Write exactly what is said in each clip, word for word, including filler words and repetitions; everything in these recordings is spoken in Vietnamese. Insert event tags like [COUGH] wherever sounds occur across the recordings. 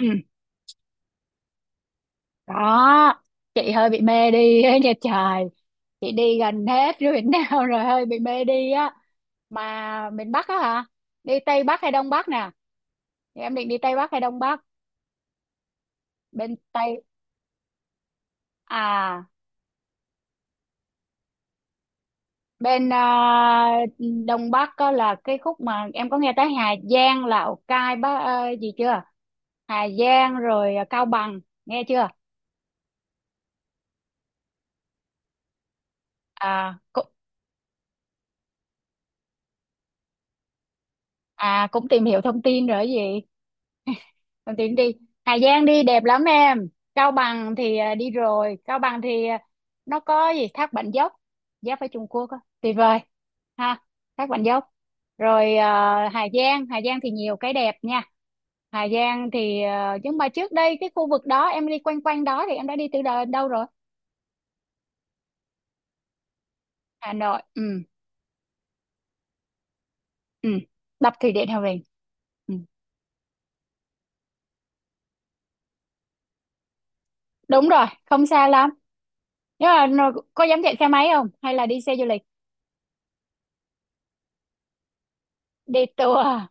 Ừ, đó, chị hơi bị mê đi ấy [LAUGHS] nha trời. Chị đi gần hết rồi miền nào [LAUGHS] rồi hơi bị mê đi á. Mà miền Bắc á hả, đi Tây Bắc hay Đông Bắc nè? Thì em định đi Tây Bắc hay Đông Bắc bên Tây à? Bên à, Đông Bắc có là cái khúc mà em có nghe tới Hà Giang, Lào Cai, bác ờ, gì chưa? Hà Giang rồi à, Cao Bằng, nghe chưa? À cũng, à cũng tìm hiểu thông tin rồi gì. Đồng Tiến đi. Hà Giang đi đẹp lắm em. Cao Bằng thì à, đi rồi. Cao Bằng thì à, nó có gì thác Bản Dốc, giáp với Trung Quốc á, tuyệt vời ha. Thác Bản Dốc rồi à, Hà Giang. Hà Giang thì nhiều cái đẹp nha. Hà Giang thì à, nhưng mà trước đây cái khu vực đó em đi quanh quanh đó thì em đã đi từ đờ- đâu rồi? Hà Nội, ừ. Ừ, đập thủy điện Hòa Bình. Ừ. Đúng rồi, không xa lắm, nhưng mà nó- có dám chạy xe máy không hay là đi xe du lịch? Đi tour à?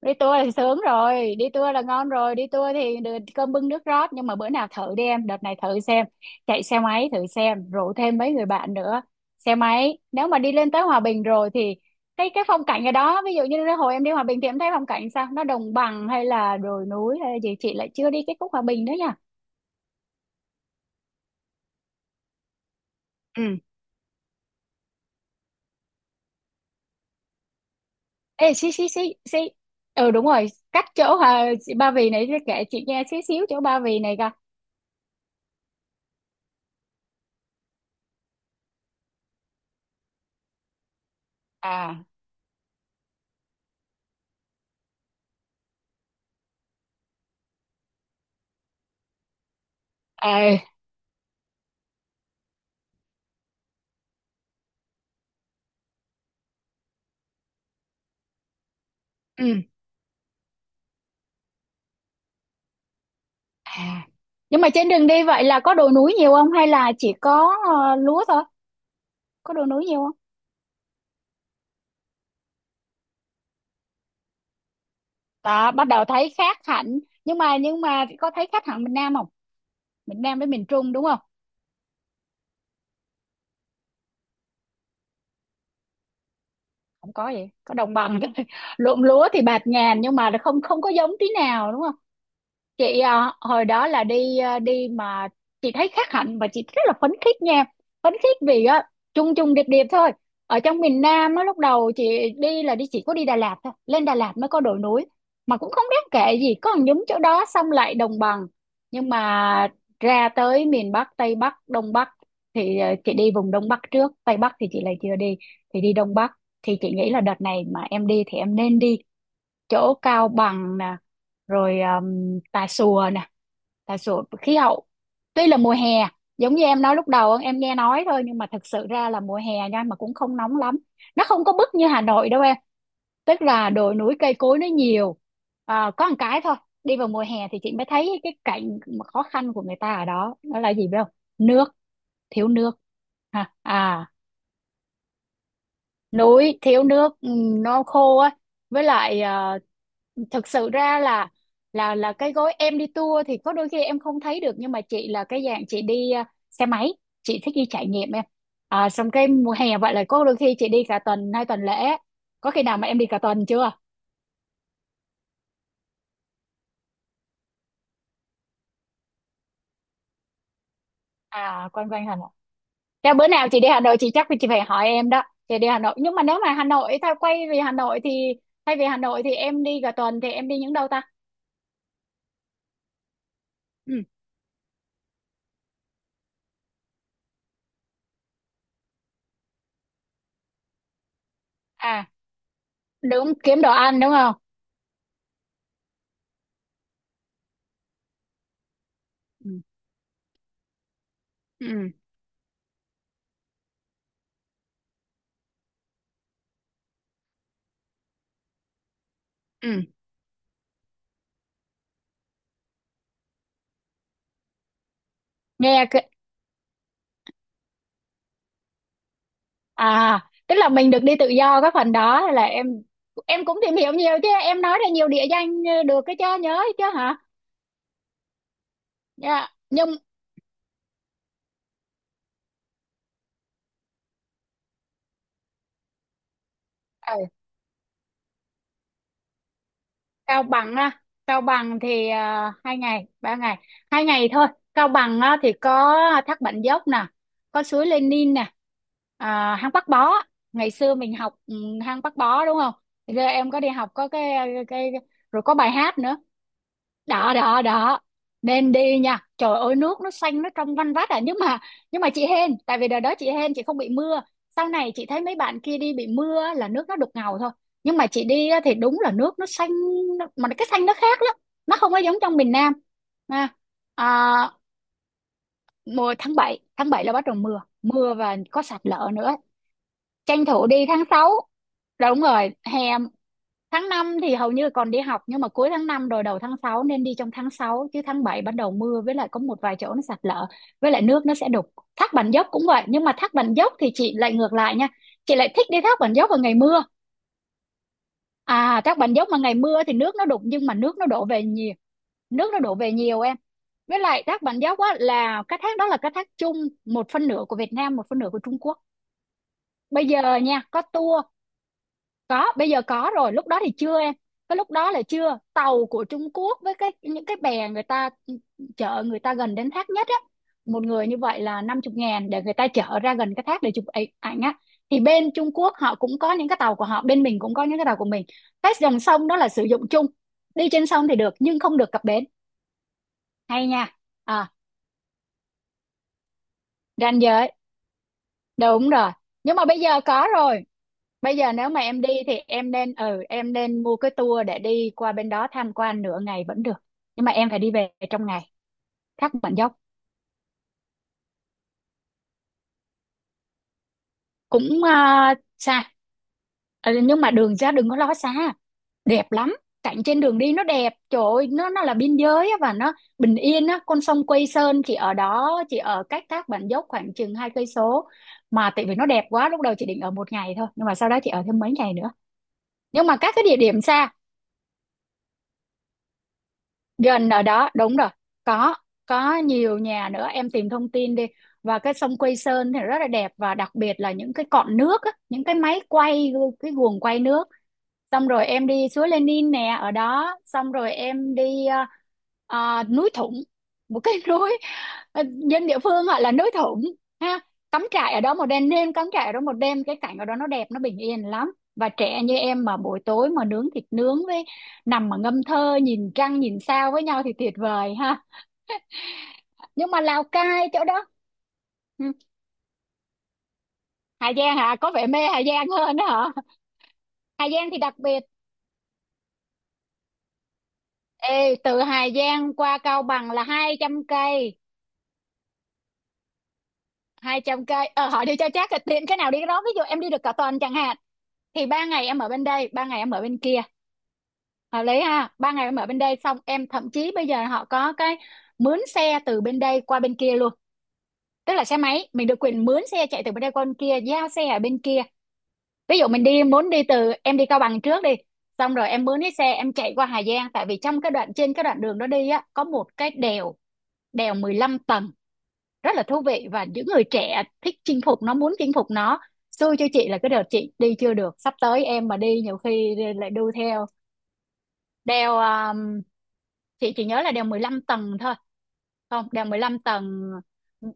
Đi tour thì sướng rồi, đi tour là ngon rồi, đi tour thì được cơm bưng nước rót, nhưng mà bữa nào thử đi em, đợt này thử xem, chạy xe máy thử xem, rủ thêm mấy người bạn nữa. Xe máy nếu mà đi lên tới Hòa Bình rồi thì cái cái phong cảnh ở đó, ví dụ như hồi em đi Hòa Bình thì em thấy phong cảnh sao, nó đồng bằng hay là đồi núi hay là gì, chị lại chưa đi cái khúc Hòa Bình nữa nha. Ừ. Ê, xí xí xí xí, ừ đúng rồi, cách chỗ Hòa, Ba Vì này kể chị nghe xí xíu chỗ Ba Vì này coi. À, à. Ừ. À, nhưng mà trên đường đi vậy là có đồi núi nhiều không hay là chỉ có ờ, lúa thôi? Có đồi núi nhiều không? Đó, bắt đầu thấy khác hẳn. Nhưng mà nhưng mà có thấy khác hẳn miền Nam không? Miền Nam với miền Trung, đúng không? Không có gì, có đồng bằng thôi. [LAUGHS] Ruộng lúa thì bạt ngàn nhưng mà không không có giống tí nào, đúng không? Chị à, hồi đó là đi à, đi mà chị thấy khác hẳn và chị rất là phấn khích nha. Phấn khích vì á, chung chung điệp điệp thôi. Ở trong miền Nam á, lúc đầu chị đi là đi chỉ có đi Đà Lạt thôi, lên Đà Lạt mới có đồi núi mà cũng không đáng kể gì, có một nhúm chỗ đó xong lại đồng bằng. Nhưng mà ra tới miền Bắc, Tây Bắc, Đông Bắc thì à, chị đi vùng Đông Bắc trước, Tây Bắc thì chị lại chưa đi. Thì đi Đông Bắc thì chị nghĩ là đợt này mà em đi thì em nên đi chỗ Cao Bằng nè, rồi um, Tà Xùa nè. Tà Xùa khí hậu tuy là mùa hè, giống như em nói lúc đầu em nghe nói thôi, nhưng mà thật sự ra là mùa hè nha mà cũng không nóng lắm, nó không có bức như Hà Nội đâu em. Tức là đồi núi cây cối nó nhiều. À, có một cái thôi, đi vào mùa hè thì chị mới thấy cái cảnh mà khó khăn của người ta ở đó, đó là gì biết không? Nước. Thiếu nước. Ha à, núi thiếu nước, ừ, nó khô á. Với lại ờ, thực sự ra là là là cái gói em đi tour thì có đôi khi em không thấy được, nhưng mà chị là cái dạng chị đi à, xe máy, chị thích đi trải nghiệm em. À, xong cái mùa hè vậy là có đôi khi chị đi cả tuần, hai tuần lễ. Có khi nào mà em đi cả tuần chưa? À quanh quanh Hà Nội. Thế bữa nào chị đi Hà Nội chị chắc chị phải hỏi em đó. Chị đi Hà Nội, nhưng mà nếu mà Hà Nội tao quay về Hà Nội thì thay vì Hà Nội thì em đi cả tuần thì em đi những đâu ta? Ừ. À đúng, kiếm đồ ăn đúng không? Ừ. Ừ. Ừ. Nghe cái, à, tức là mình được đi tự do cái phần đó là em em cũng tìm hiểu nhiều chứ, em nói ra nhiều địa danh ờ, được cái cho nhớ chứ hả. Dạ. Nhưng ở Cao Bằng á, Cao Bằng thì à, hai ngày ba ngày, hai ngày thôi. Cao Bằng á, thì có thác Bản Dốc nè, có suối Lenin nè, à, hang Bác Bó. Ngày xưa mình học ừ, hang Bác Bó đúng không? Giờ em có đi học có cái cái rồi có bài hát nữa. Đó đó đó, nên đi nha, trời ơi, nước nó xanh, nó trong văn vắt à, nhưng mà, nhưng mà chị hên, tại vì đợt đó chị hên chị không bị mưa. Sau này chị thấy mấy bạn kia đi bị mưa á, là nước nó đục ngầu thôi, nhưng mà chị đi á, thì đúng là nước nó xanh, nó- mà cái xanh nó khác lắm, nó không có giống trong miền Nam. Ha, à, mùa tháng bảy, tháng bảy là bắt đầu mưa mưa và có sạt lở nữa, tranh thủ đi tháng sáu. Đúng rồi hè. Tháng năm thì hầu như còn đi học, nhưng mà cuối tháng năm rồi đầu tháng sáu, nên đi trong tháng sáu, chứ tháng bảy bắt đầu mưa với lại có một vài chỗ nó sạt lở, với lại nước nó sẽ đục. Thác Bản Dốc cũng vậy, nhưng mà Thác Bản Dốc thì chị lại ngược lại nha. Chị lại thích đi Thác Bản Dốc vào ngày mưa. À Thác Bản Dốc mà ngày mưa thì nước nó đục, nhưng mà nước nó đổ về nhiều, nước nó đổ về nhiều em. Với lại Thác Bản Dốc á là cái thác đó là cái thác chung, một phân nửa của Việt Nam, một phân nửa của Trung Quốc. Bây giờ nha, có tour. Có, bây giờ có rồi, lúc đó thì chưa em. Cái lúc đó là chưa, tàu của Trung Quốc với cái những cái bè người ta chở người ta gần đến thác nhất á, một người như vậy là năm mươi ngàn để người ta chở ra gần cái thác để chụp ảnh ảnh á. Thì bên Trung Quốc họ cũng có những cái tàu của họ, bên mình cũng có những cái tàu của mình. Cái dòng sông đó là sử dụng chung, đi trên sông thì được nhưng không được cập bến. Hay nha. À, ranh giới. Đúng rồi. Nhưng mà bây giờ có rồi. Bây giờ nếu mà em đi thì em nên ừ em nên mua cái tour để đi qua bên đó tham quan nửa ngày vẫn được. Nhưng mà em phải đi về trong ngày. Thác Bản Dốc cũng à, xa. Ừ, nhưng mà đường ra đừng có lo xa, đẹp lắm. Cảnh trên đường đi nó đẹp, trời ơi, nó nó là biên giới á, và nó bình yên á, con sông Quây Sơn chỉ ở đó, chỉ ở cách Thác Bản Dốc khoảng chừng hai cây số. Mà tại vì nó đẹp quá, lúc đầu chị định ở một ngày thôi, nhưng mà sau đó chị ở thêm mấy ngày nữa. Nhưng mà các cái địa điểm xa gần ở đó, đúng rồi, có có nhiều nhà nữa, em tìm thông tin đi. Và cái sông Quây Sơn thì rất là đẹp, và đặc biệt là những cái cọn nước á, những cái máy quay, cái guồng quay nước. Xong rồi em đi suối Lenin nè, ở đó xong rồi em đi ờ, ờ, núi Thủng, một cái [LAUGHS] núi, ờ, dân địa phương gọi là núi Thủng ha. Cắm trại ở đó một đêm, nên cắm trại ở đó một đêm, cái cảnh ở đó nó đẹp, nó bình yên lắm, và trẻ như em mà buổi tối mà nướng thịt nướng với nằm mà ngâm thơ, nhìn trăng nhìn sao với nhau thì tuyệt vời ha. Nhưng mà Lào Cai chỗ đó, ừ, Hà Giang hả, có vẻ mê Hà Giang hơn đó hả? Hà Giang thì đặc biệt. Ê, từ Hà Giang qua Cao Bằng là hai trăm cây, hai trăm cây. Ờ, hỏi đi cho chắc, là tiện cái nào đi cái đó. Ví dụ em đi được cả tuần chẳng hạn, thì ba ngày em ở bên đây, ba ngày em ở bên kia, hợp lý ha. Ba ngày em ở bên đây, xong em, thậm chí bây giờ họ có cái mướn xe từ bên đây qua bên kia luôn. Tức là xe máy mình được quyền mướn xe chạy từ bên đây qua bên kia, giao xe ở bên kia. Ví dụ mình đi, muốn đi từ, em đi Cao Bằng trước đi, xong rồi em mướn cái xe em chạy qua Hà Giang. Tại vì trong cái đoạn, trên cái đoạn đường đó đi á, có một cái đèo, đèo mười lăm tầng, rất là thú vị, và những người trẻ thích chinh phục nó, muốn chinh phục nó. Xui cho chị là cái đợt chị đi chưa được, sắp tới em mà đi nhiều khi lại đu theo. Đeo um, chị chỉ nhớ là đeo mười lăm tầng thôi, không, đèo mười lăm tầng.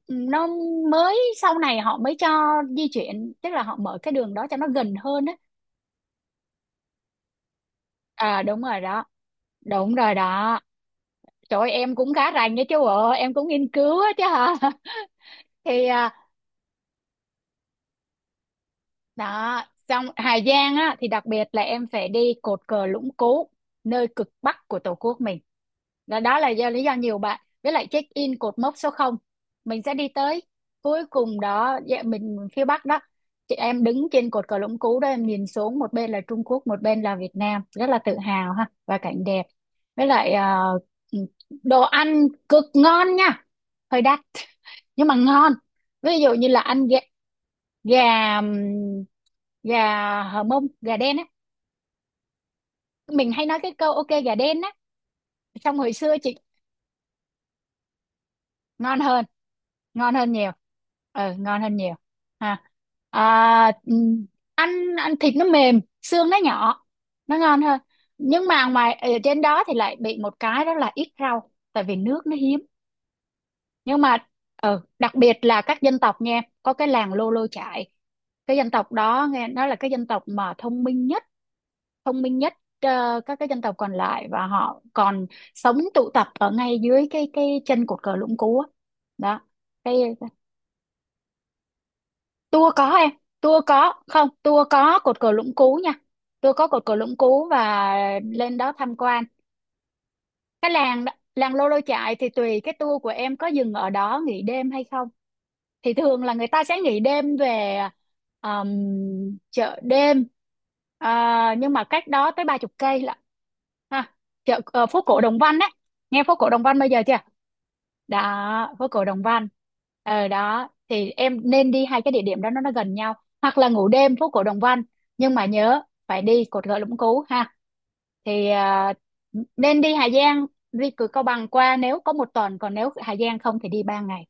Nó mới, sau này họ mới cho di chuyển, tức là họ mở cái đường đó cho nó gần hơn á. À, đúng rồi đó, đúng rồi đó. Trời ơi, em cũng khá rành đấy chứ, bộ em cũng nghiên cứu á chứ hả? [LAUGHS] Thì à, đó. Xong Hà Giang á thì đặc biệt là em phải đi cột cờ Lũng Cú, nơi cực bắc của Tổ quốc mình. Đó, đó là do lý do nhiều bạn với lại check in cột mốc số không, mình sẽ đi tới cuối cùng đó, dạ, mình phía bắc đó. Chị, em đứng trên cột cờ Lũng Cú đó, em nhìn xuống một bên là Trung Quốc, một bên là Việt Nam, rất là tự hào ha, và cảnh đẹp. Với lại ờ, đồ ăn cực ngon nha, hơi đắt [LAUGHS] nhưng mà ngon. Ví dụ như là ăn gà, gà gà hờ mông, gà đen á. Mình hay nói cái câu ok gà đen á. Trong hồi xưa chị, ngon hơn, ngon hơn nhiều. Ừ, ngon hơn nhiều ha. À, ừm, ăn, ăn thịt nó mềm, xương nó nhỏ, nó ngon hơn. Nhưng mà ngoài ở trên đó thì lại bị một cái đó là ít rau, tại vì nước nó hiếm. Nhưng mà ừ, đặc biệt là các dân tộc nha, có cái làng Lô Lô Chải. Cái dân tộc đó nghe nói là cái dân tộc mà thông minh nhất, thông minh nhất ờ, các cái dân tộc còn lại, và họ còn sống tụ tập ở ngay dưới cái cái chân cột cờ Lũng Cú á. Đó, cái tour có em, tour có không, tour có cột cờ Lũng Cú nha. Tour có cột cờ Lũng Cú và lên đó tham quan. Cái làng đó, làng Lô Lô Chại thì tùy cái tour của em có dừng ở đó nghỉ đêm hay không, thì thường là người ta sẽ nghỉ đêm về um, chợ đêm. À, nhưng mà cách đó tới ba chục cây lận ha, chợ ờ, phố cổ Đồng Văn đấy. Nghe phố cổ Đồng Văn bây giờ chưa? Đó, phố cổ Đồng Văn. Ở đó thì em nên đi hai cái địa điểm đó, nó, nó gần nhau, hoặc là ngủ đêm phố cổ Đồng Văn. Nhưng mà nhớ phải đi cột gỗ Lũng Cú ha. Thì à, nên đi Hà Giang, đi cửa Cao Bằng qua nếu có một tuần, còn nếu Hà Giang không thì đi ba ngày.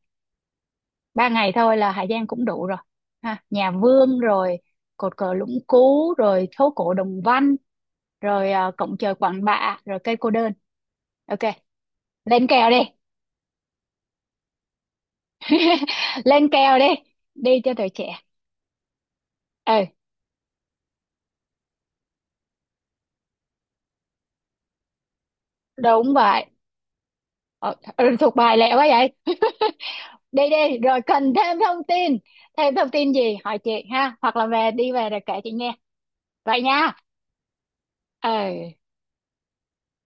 Ba ngày thôi là Hà Giang cũng đủ rồi ha, nhà Vương rồi, cột cờ Lũng Cú, rồi phố cổ Đồng Văn, rồi à, cổng trời Quản Bạ, rồi cây cô đơn. Ok, lên kèo đi. [LAUGHS] Lên kèo đi, đi cho tuổi trẻ. Ừ, đúng vậy. Ờ, ừ, thuộc bài lẹ quá vậy. [LAUGHS] Đi đi, rồi cần thêm thông tin, thêm thông tin gì hỏi chị ha, hoặc là về, đi về rồi kể chị nghe. Vậy nha, ừ.